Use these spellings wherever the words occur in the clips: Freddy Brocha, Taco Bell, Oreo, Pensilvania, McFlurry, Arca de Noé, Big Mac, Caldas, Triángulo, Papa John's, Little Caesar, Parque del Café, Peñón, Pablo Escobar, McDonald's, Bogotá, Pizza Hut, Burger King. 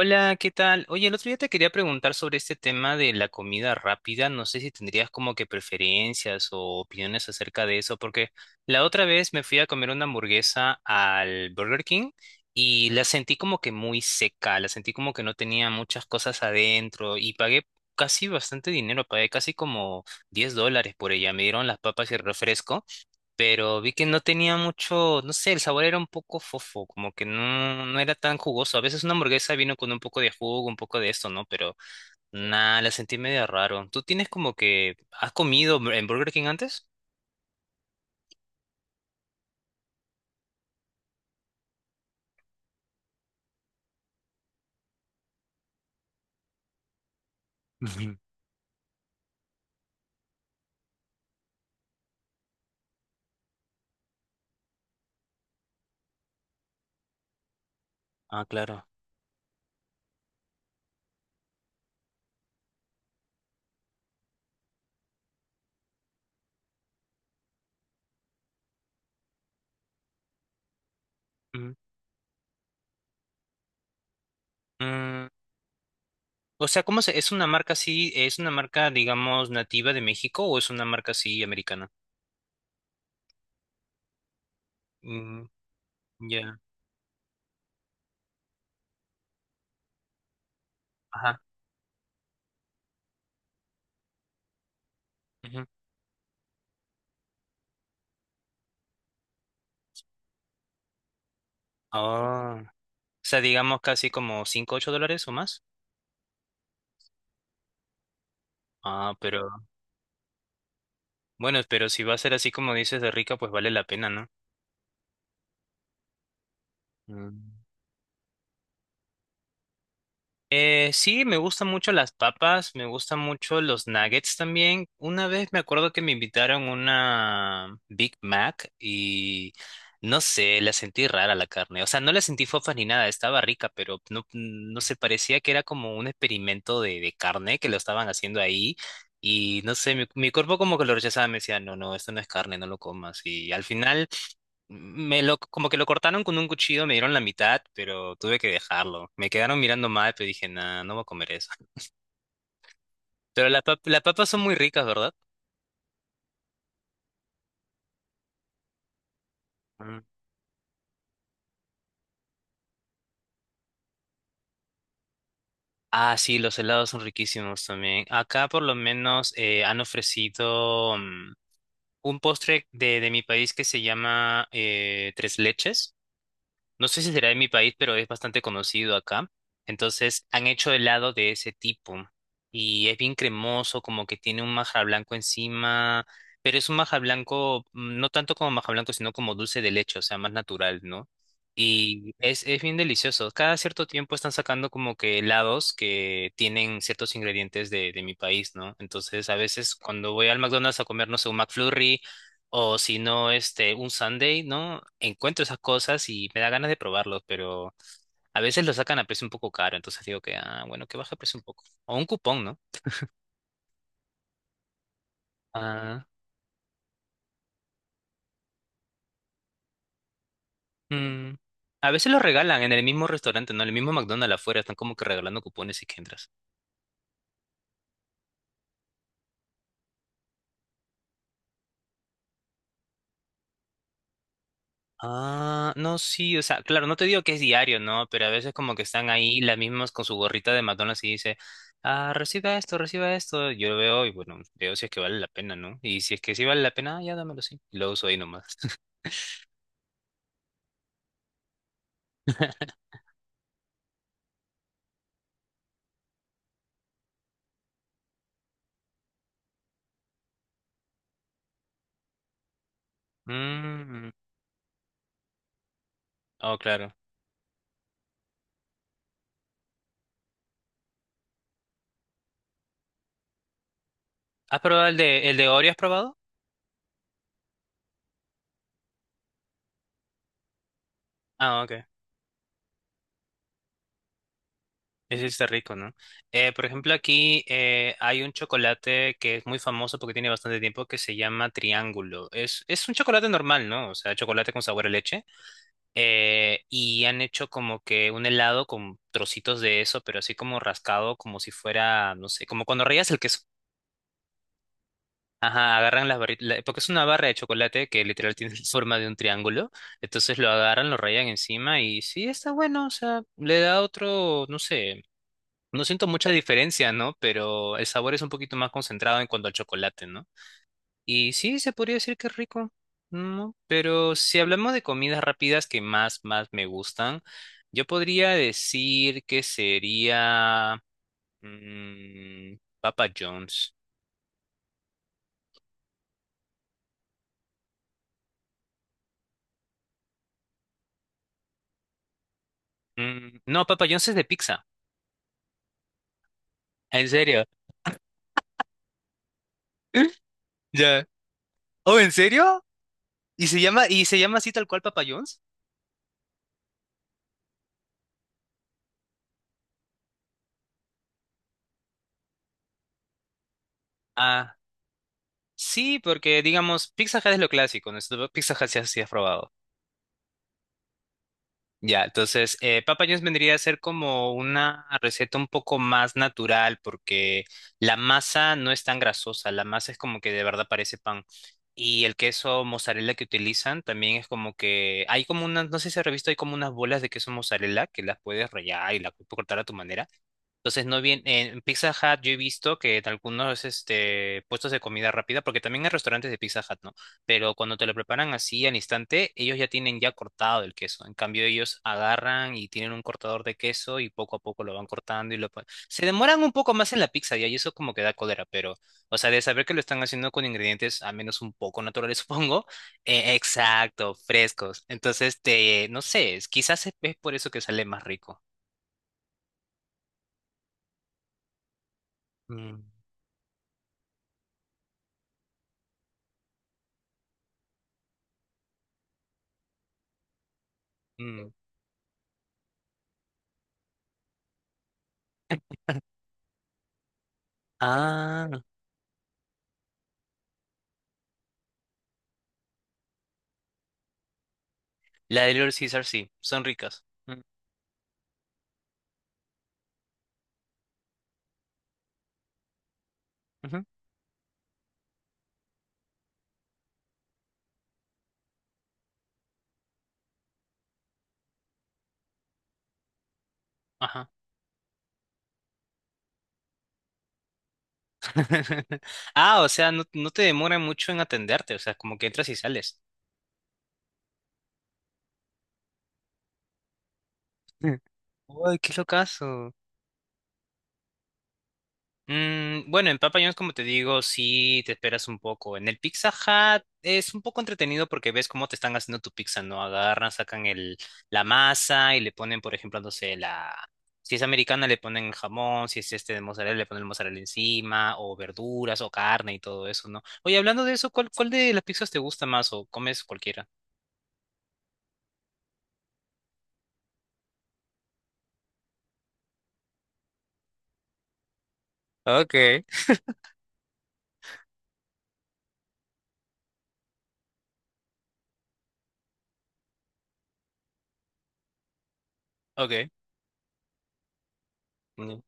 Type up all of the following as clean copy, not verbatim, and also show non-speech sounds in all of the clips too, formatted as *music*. Hola, ¿qué tal? Oye, el otro día te quería preguntar sobre este tema de la comida rápida. No sé si tendrías como que preferencias o opiniones acerca de eso, porque la otra vez me fui a comer una hamburguesa al Burger King y la sentí como que muy seca, la sentí como que no tenía muchas cosas adentro y pagué casi bastante dinero, pagué casi como $10 por ella. Me dieron las papas y el refresco, pero vi que no tenía mucho, no sé, el sabor era un poco fofo, como que no, no era tan jugoso. A veces una hamburguesa vino con un poco de jugo, un poco de esto, ¿no? Pero nada, la sentí medio raro. ¿Tú tienes como que, has comido en Burger King antes? Ujú. Ah, claro. Ujú. Mm, o sea, es una marca así, es una marca, digamos, nativa de México o es una marca así americana? Mm, ya. Ajá. Ujú. Ah, o sea, digamos casi como 5 $8 o más. Ah, pero. Bueno, pero si va a ser así como dices de rica, pues vale la pena, ¿no? Mm. Sí, me gustan mucho las papas, me gustan mucho los nuggets también. Una vez me acuerdo que me invitaron una Big Mac y no sé, la sentí rara la carne. O sea, no la sentí fofa ni nada, estaba rica, pero no, no sé, parecía que era como un experimento de carne que lo estaban haciendo ahí. Y no sé, mi cuerpo como que lo rechazaba, me decía, no, no, esto no es carne, no lo comas. Y al final. Como que lo cortaron con un cuchillo, me dieron la mitad, pero tuve que dejarlo. Me quedaron mirando mal, pero dije, nah, no voy a comer eso. *laughs* Pero las las papas son muy ricas, ¿verdad? Mm. Ah, sí, los helados son riquísimos también. Acá por lo menos han ofrecido un postre de mi país que se llama tres leches. No sé si será de mi país, pero es bastante conocido acá. Entonces, han hecho helado de ese tipo. Y es bien cremoso, como que tiene un maja blanco encima. Pero es un maja blanco, no tanto como maja blanco, sino como dulce de leche, o sea, más natural, ¿no? Y es bien delicioso. Cada cierto tiempo están sacando como que helados que tienen ciertos ingredientes de mi país, ¿no? Entonces, a veces cuando voy al McDonald's a comer, no sé, un McFlurry. O si no, este, un Sunday, ¿no? Encuentro esas cosas y me da ganas de probarlos, pero a veces lo sacan a precio un poco caro, entonces digo que, ah, bueno, que baje el precio un poco. O un cupón, ¿no? Ah, mm. A veces los regalan en el mismo restaurante, ¿no? En el mismo McDonald's afuera, están como que regalando cupones y que entras. Ah, no, sí, o sea, claro, no te digo que es diario, ¿no? Pero a veces como que están ahí las mismas con su gorrita de McDonald's y dice, ah, reciba esto, reciba esto. Yo lo veo y bueno, veo si es que vale la pena, ¿no? Y si es que sí vale la pena, ah, ya dámelo, sí. Y lo uso ahí nomás. *laughs* Mm, oh, claro. ¿Has probado el de Oreo, has probado? Ah, ok. Ese está rico, ¿no? Por ejemplo, aquí hay un chocolate que es muy famoso porque tiene bastante tiempo que se llama Triángulo. Es un chocolate normal, ¿no? O sea, chocolate con sabor a leche, y han hecho como que un helado con trocitos de eso, pero así como rascado, como si fuera, no sé, como cuando rayas el queso. Ajá, agarran las barritas, porque es una barra de chocolate que literal tiene *laughs* forma de un triángulo, entonces lo agarran, lo rayan encima y sí, está bueno, o sea, le da otro, no sé, no siento mucha diferencia, ¿no? Pero el sabor es un poquito más concentrado en cuanto al chocolate, ¿no? Y sí, se podría decir que es rico, ¿no? Pero si hablamos de comidas rápidas que más, más me gustan, yo podría decir que sería mm, Papa John's. Mm, no, Papa John's es de pizza. ¿En serio? *laughs* ¿Eh? Ya. ¿Oh, en serio? ¿Y se llama así tal cual Papa John's? Ah, sí, porque digamos, Pizza Hut es lo clásico, ¿no? Pizza Hut se ha probado. Ya, entonces, papa vendría a ser como una receta un poco más natural porque la masa no es tan grasosa, la masa es como que de verdad parece pan. Y el queso mozzarella que utilizan también es como que hay como unas, no sé si has visto, hay como unas bolas de queso mozzarella que las puedes rallar y las puedes cortar a tu manera. Entonces, no bien, en Pizza Hut yo he visto que en algunos este, puestos de comida rápida, porque también hay restaurantes de Pizza Hut, ¿no? Pero cuando te lo preparan así al instante, ellos ya tienen ya cortado el queso. En cambio, ellos agarran y tienen un cortador de queso y poco a poco lo van cortando y se demoran un poco más en la pizza ya, y eso como que da cólera, pero, o sea, de saber que lo están haciendo con ingredientes al menos un poco naturales, *laughs* supongo. Exacto, frescos. Entonces, no sé, quizás es por eso que sale más rico. Mm, mm. Ah, la de Little Caesar sí, son ricas. Mm, ujú, ajá. *laughs* Ah, o sea, no, no te demoran mucho en atenderte, o sea, como que entras y sales. Mm. Uy, qué locazo. Mm, bueno, en Papa John's, como te digo, sí te esperas un poco. En el Pizza Hut es un poco entretenido porque ves cómo te están haciendo tu pizza, ¿no? Agarran, sacan la masa y le ponen, por ejemplo, no sé. Si es americana, le ponen jamón, si es este de mozzarella, le ponen mozzarella encima, o verduras, o carne y todo eso, ¿no? Oye, hablando de eso, ¿cuál de las pizzas te gusta más o comes cualquiera? Okay, okay, mm,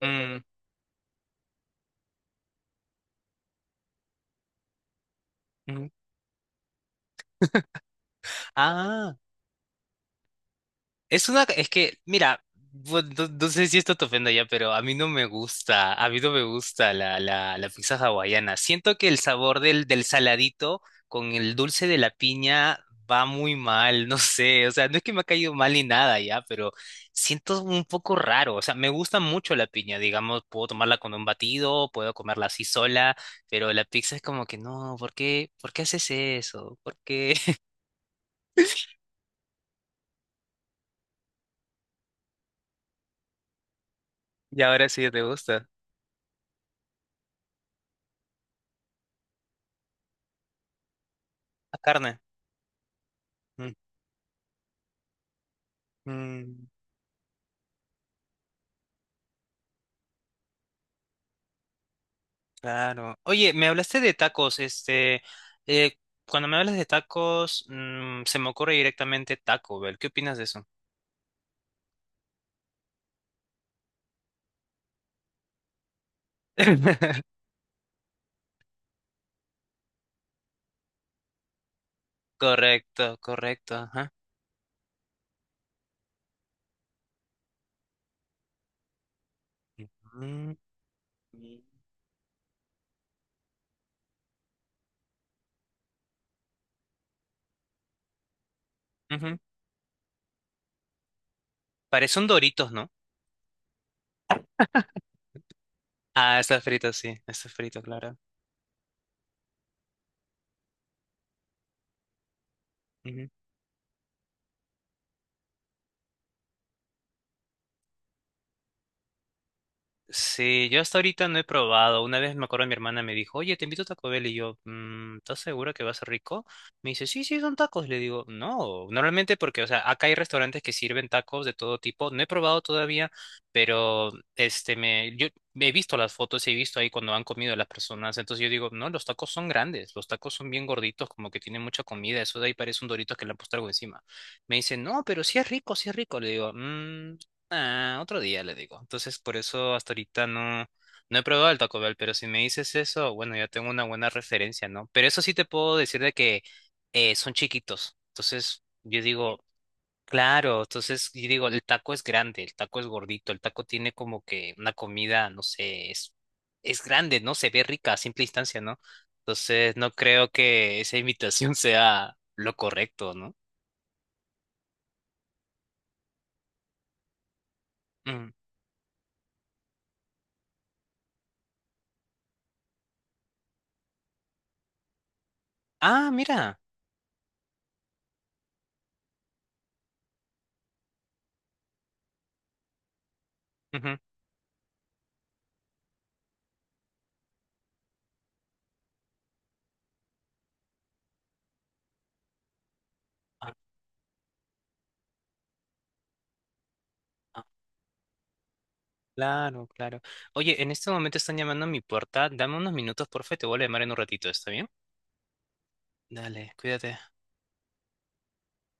mm, mm. Ah, es una, es que, mira, no, no sé si esto te ofenda ya, pero a mí no me gusta, a mí no me gusta la pizza hawaiana. Siento que el sabor del saladito con el dulce de la piña va muy mal, no sé, o sea, no es que me ha caído mal ni nada ya, pero siento un poco raro, o sea, me gusta mucho la piña, digamos, puedo tomarla con un batido, puedo comerla así sola, pero la pizza es como que no, por qué haces eso? ¿Por qué? *laughs* Y ahora sí te gusta. La carne. Mm. Mm. Claro. Oye, me hablaste de tacos, este, eh, cuando me hablas de tacos, se me ocurre directamente Taco Bell. ¿Qué opinas de eso? *laughs* Correcto, correcto, ajá. Mm, ujú. Parece un Doritos, ¿no? Ah, está frito, sí, está frito, claro. Sí, yo hasta ahorita no he probado. Una vez me acuerdo, mi hermana me dijo, oye, te invito a Taco Bell. Y yo, ¿Estás segura que va a ser rico? Me dice, sí, sí, son tacos. Le digo, no, normalmente porque, o sea, acá hay restaurantes que sirven tacos de todo tipo. No he probado todavía, pero este, yo he visto las fotos, he visto ahí cuando han comido las personas. Entonces yo digo, no, los tacos son grandes, los tacos son bien gorditos, como que tienen mucha comida. Eso de ahí parece un dorito que le han puesto algo encima. Me dice, no, pero sí es rico, sí es rico. Le digo, Ah, otro día le digo. Entonces, por eso hasta ahorita no, no he probado el Taco Bell, pero si me dices eso, bueno, ya tengo una buena referencia, ¿no? Pero eso sí te puedo decir de que son chiquitos. Entonces, yo digo, claro, entonces, yo digo, el taco es grande, el taco es gordito, el taco tiene como que una comida, no sé, es grande, ¿no? Se ve rica a simple instancia, ¿no? Entonces, no creo que esa *laughs* imitación sea lo correcto, ¿no? Mm. Ah, mira. Ujú. Claro, claro. Oye, en este momento están llamando a mi puerta. Dame unos minutos, porfa, y te vuelvo a llamar en un ratito, ¿está bien? Dale, cuídate.